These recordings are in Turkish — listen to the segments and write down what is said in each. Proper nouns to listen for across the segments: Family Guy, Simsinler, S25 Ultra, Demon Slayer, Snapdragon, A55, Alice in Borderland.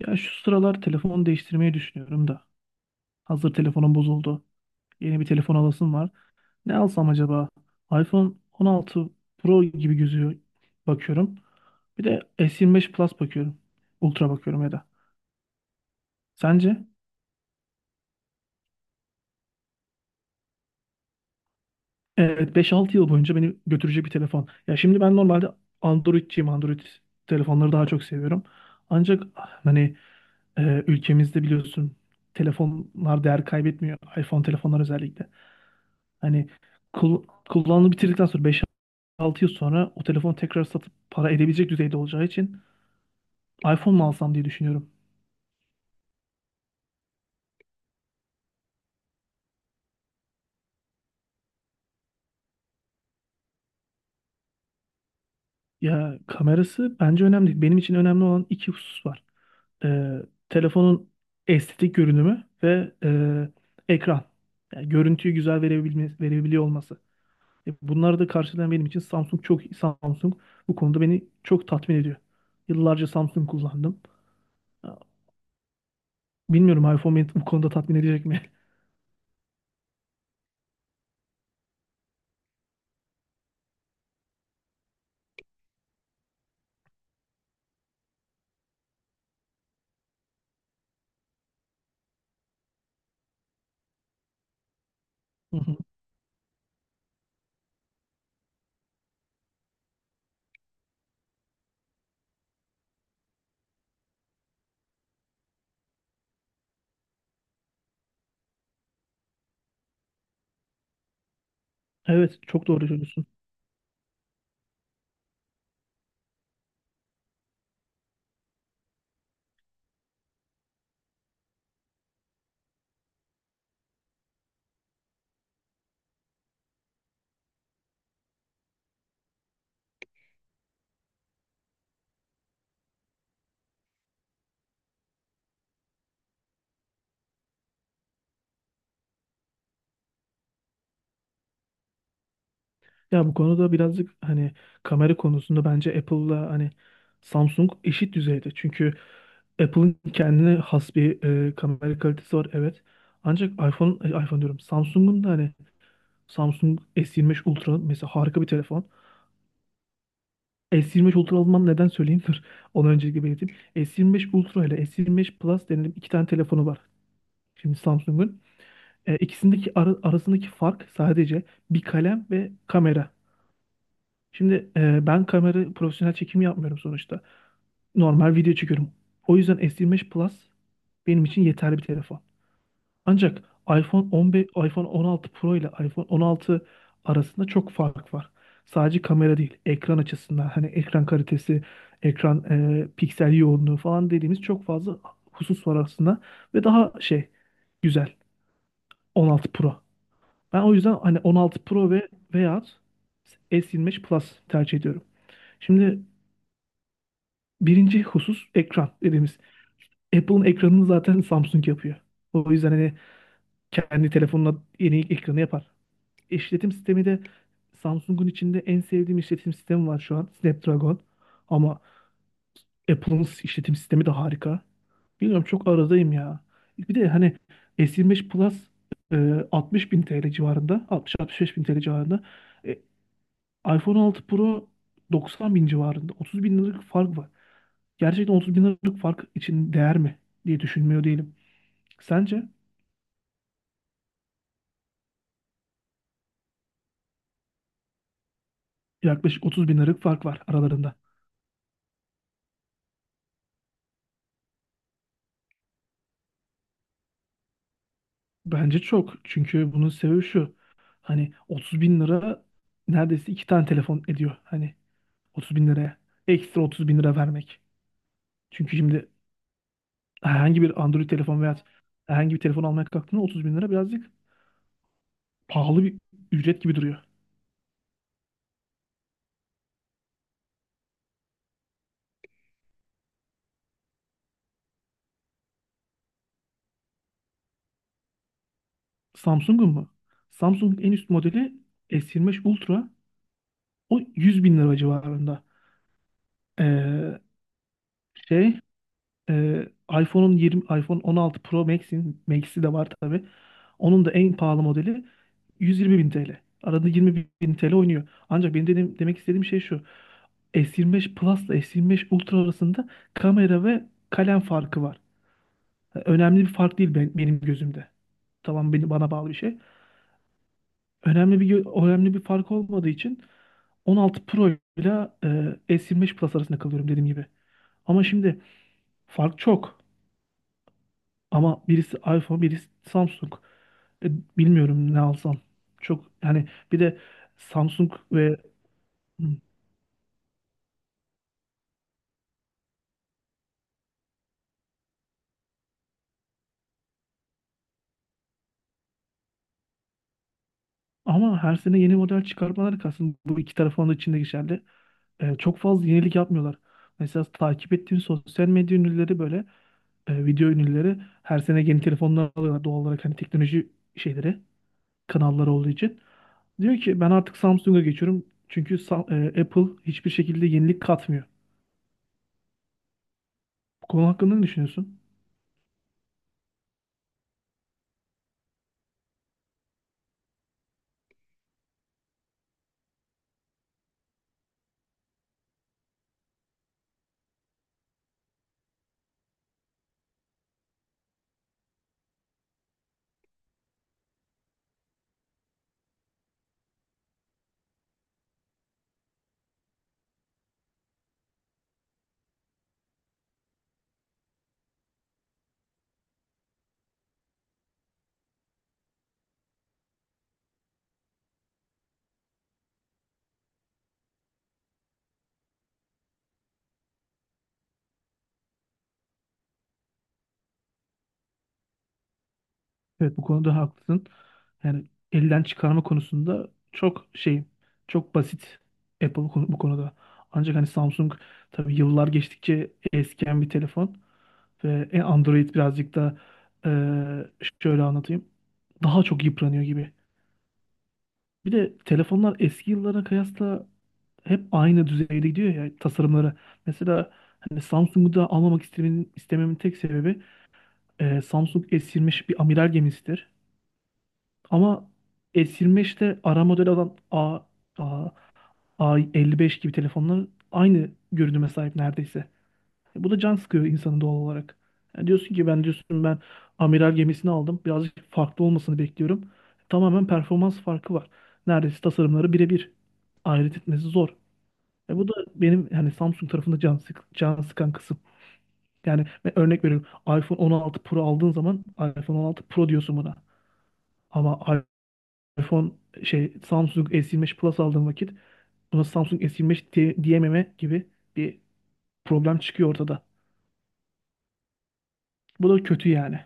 Ya şu sıralar telefon değiştirmeyi düşünüyorum da. Hazır telefonum bozuldu. Yeni bir telefon alasım var. Ne alsam acaba? iPhone 16 Pro gibi gözüyor bakıyorum. Bir de S25 Plus bakıyorum. Ultra bakıyorum ya da. Sence? Evet, 5-6 yıl boyunca beni götürecek bir telefon. Ya şimdi ben normalde Android'ciyim. Android telefonları daha çok seviyorum. Ancak hani ülkemizde biliyorsun telefonlar değer kaybetmiyor. iPhone telefonlar özellikle. Hani kul kullanımı bitirdikten sonra 5-6 yıl sonra o telefonu tekrar satıp para edebilecek düzeyde olacağı için iPhone mu alsam diye düşünüyorum. Ya kamerası bence önemli değil. Benim için önemli olan iki husus var. Ee, telefonun estetik görünümü ve ekran. Yani görüntüyü güzel verebiliyor olması. Bunları da karşılayan benim için Samsung çok iyi. Samsung bu konuda beni çok tatmin ediyor. Yıllarca Samsung kullandım. Ya, bilmiyorum, iPhone beni bu konuda tatmin edecek mi? Hı hı. Evet, çok doğru söylüyorsun. Ya bu konuda birazcık hani kamera konusunda bence Apple'la hani Samsung eşit düzeyde. Çünkü Apple'ın kendine has bir kamera kalitesi var, evet. Ancak iPhone diyorum. Samsung'un da hani Samsung S25 Ultra mesela harika bir telefon. S25 Ultra almam neden, söyleyeyim dur. Onu öncelikle belirteyim. S25 Ultra ile S25 Plus denilen iki tane telefonu var şimdi Samsung'un. İkisindeki arasındaki fark sadece bir kalem ve kamera. Şimdi ben kamera profesyonel çekim yapmıyorum sonuçta. Normal video çekiyorum. O yüzden S25 Plus benim için yeterli bir telefon. Ancak iPhone 15, iPhone 16 Pro ile iPhone 16 arasında çok fark var. Sadece kamera değil, ekran açısından, hani ekran kalitesi, ekran piksel yoğunluğu falan dediğimiz çok fazla husus var arasında ve daha şey güzel 16 Pro. Ben o yüzden hani 16 Pro ve veyahut S25 Plus tercih ediyorum. Şimdi birinci husus ekran dediğimiz. Apple'ın ekranını zaten Samsung yapıyor. O yüzden hani kendi telefonuna yeni ekranı yapar. İşletim sistemi de, Samsung'un içinde en sevdiğim işletim sistemi var şu an. Snapdragon. Ama Apple'ın işletim sistemi de harika. Bilmiyorum, çok aradayım ya. Bir de hani S25 Plus 60 bin TL civarında. 60-65 bin TL civarında. E, iPhone 6 Pro 90 bin civarında. 30 bin liralık fark var. Gerçekten 30 bin liralık fark için değer mi diye düşünmüyor değilim. Sence? Yaklaşık 30 bin liralık fark var aralarında. Bence çok. Çünkü bunun sebebi şu. Hani 30 bin lira neredeyse iki tane telefon ediyor. Hani 30 bin liraya. Ekstra 30 bin lira vermek. Çünkü şimdi herhangi bir Android telefon veya herhangi bir telefon almaya kalktığında 30 bin lira birazcık pahalı bir ücret gibi duruyor. Samsung'un mu? Samsung en üst modeli S25 Ultra. O 100 bin lira civarında. Ee, şey Ee, iPhone'un 20 iPhone 16 Pro Max'in Max'i de var tabii. Onun da en pahalı modeli 120 bin TL. Arada 20 bin TL oynuyor. Ancak benim dediğim, demek istediğim şey şu. S25 Plus ile S25 Ultra arasında kamera ve kalem farkı var. Önemli bir fark değil benim gözümde. Tamam, bana bağlı bir şey. Önemli bir fark olmadığı için 16 Pro ile S25 Plus arasında kalıyorum dediğim gibi. Ama şimdi fark çok. Ama birisi iPhone, birisi Samsung. E, bilmiyorum ne alsam. Çok yani bir de Samsung ve. Hı. Ama her sene yeni model çıkarmaları kalsın. Bu iki tarafın da içinde geçerli. Çok fazla yenilik yapmıyorlar. Mesela takip ettiğim sosyal medya ünlüleri, böyle video ünlüleri her sene yeni telefonlar alıyorlar doğal olarak, hani teknoloji şeyleri kanalları olduğu için. Diyor ki ben artık Samsung'a geçiyorum çünkü Apple hiçbir şekilde yenilik katmıyor. Bu konu hakkında ne düşünüyorsun? Evet, bu konuda haklısın. Yani elden çıkarma konusunda çok şey, çok basit Apple bu konuda. Ancak hani Samsung tabii yıllar geçtikçe eskiyen bir telefon ve Android birazcık da e, şöyle anlatayım. Daha çok yıpranıyor gibi. Bir de telefonlar eski yıllara kıyasla hep aynı düzeyde gidiyor ya tasarımları. Mesela hani Samsung'u da almamak istememin tek sebebi, Samsung S25 bir amiral gemisidir. Ama S25'te ara model olan A, A55 gibi telefonlar aynı görünüme sahip neredeyse. Bu da can sıkıyor insanı doğal olarak. Yani diyorsun ki ben, diyorsun ben amiral gemisini aldım. Birazcık farklı olmasını bekliyorum. Tamamen performans farkı var. Neredeyse tasarımları birebir. Ayırt etmesi zor. Bu da benim hani Samsung tarafında can sıkan kısım. Yani ben örnek veriyorum. iPhone 16 Pro aldığın zaman iPhone 16 Pro diyorsun buna. Ama iPhone şey Samsung S25 Plus aldığım vakit buna Samsung S25 diyememe gibi bir problem çıkıyor ortada. Bu da kötü yani.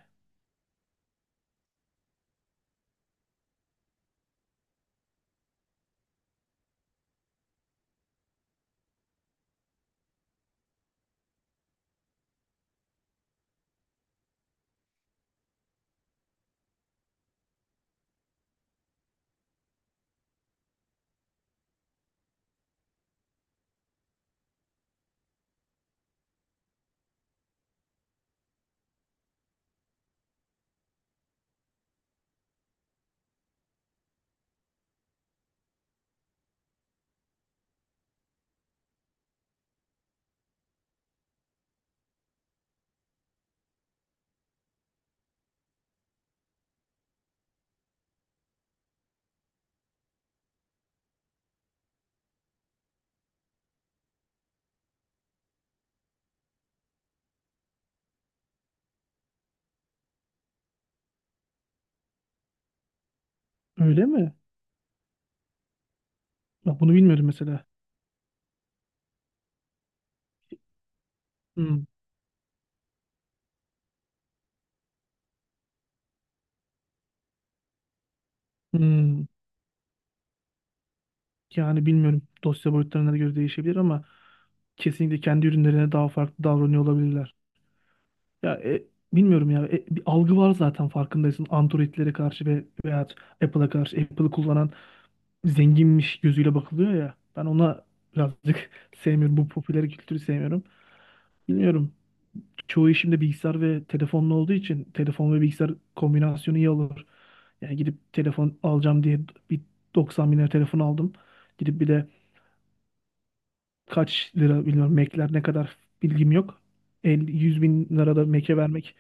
Öyle mi? Bak bunu bilmiyordum mesela. Hmm, hmm. Yani bilmiyorum. Dosya boyutlarına göre değişebilir ama kesinlikle kendi ürünlerine daha farklı davranıyor olabilirler. Ya bilmiyorum ya. Bir algı var zaten farkındaysın. Android'lere karşı veya Apple'a karşı, Apple'ı kullanan zenginmiş gözüyle bakılıyor ya. Ben ona birazcık sevmiyorum. Bu popüler kültürü sevmiyorum. Bilmiyorum. Çoğu işimde bilgisayar ve telefonla olduğu için telefon ve bilgisayar kombinasyonu iyi olur. Yani gidip telefon alacağım diye bir 90 bin lira telefon aldım. Gidip bir de kaç lira bilmiyorum, Mac'ler ne kadar bilgim yok. 50, 100 bin lira da Mac'e vermek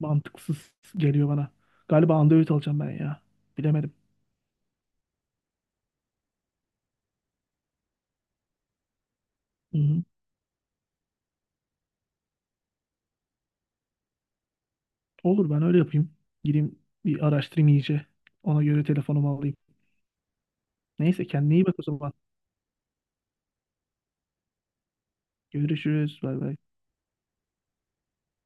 mantıksız geliyor bana. Galiba Android alacağım ben ya. Bilemedim. Hı hı. Olur, ben öyle yapayım. Gireyim bir araştırayım iyice. Ona göre telefonumu alayım. Neyse, kendine iyi bak o zaman. Görüşürüz. Bay bay.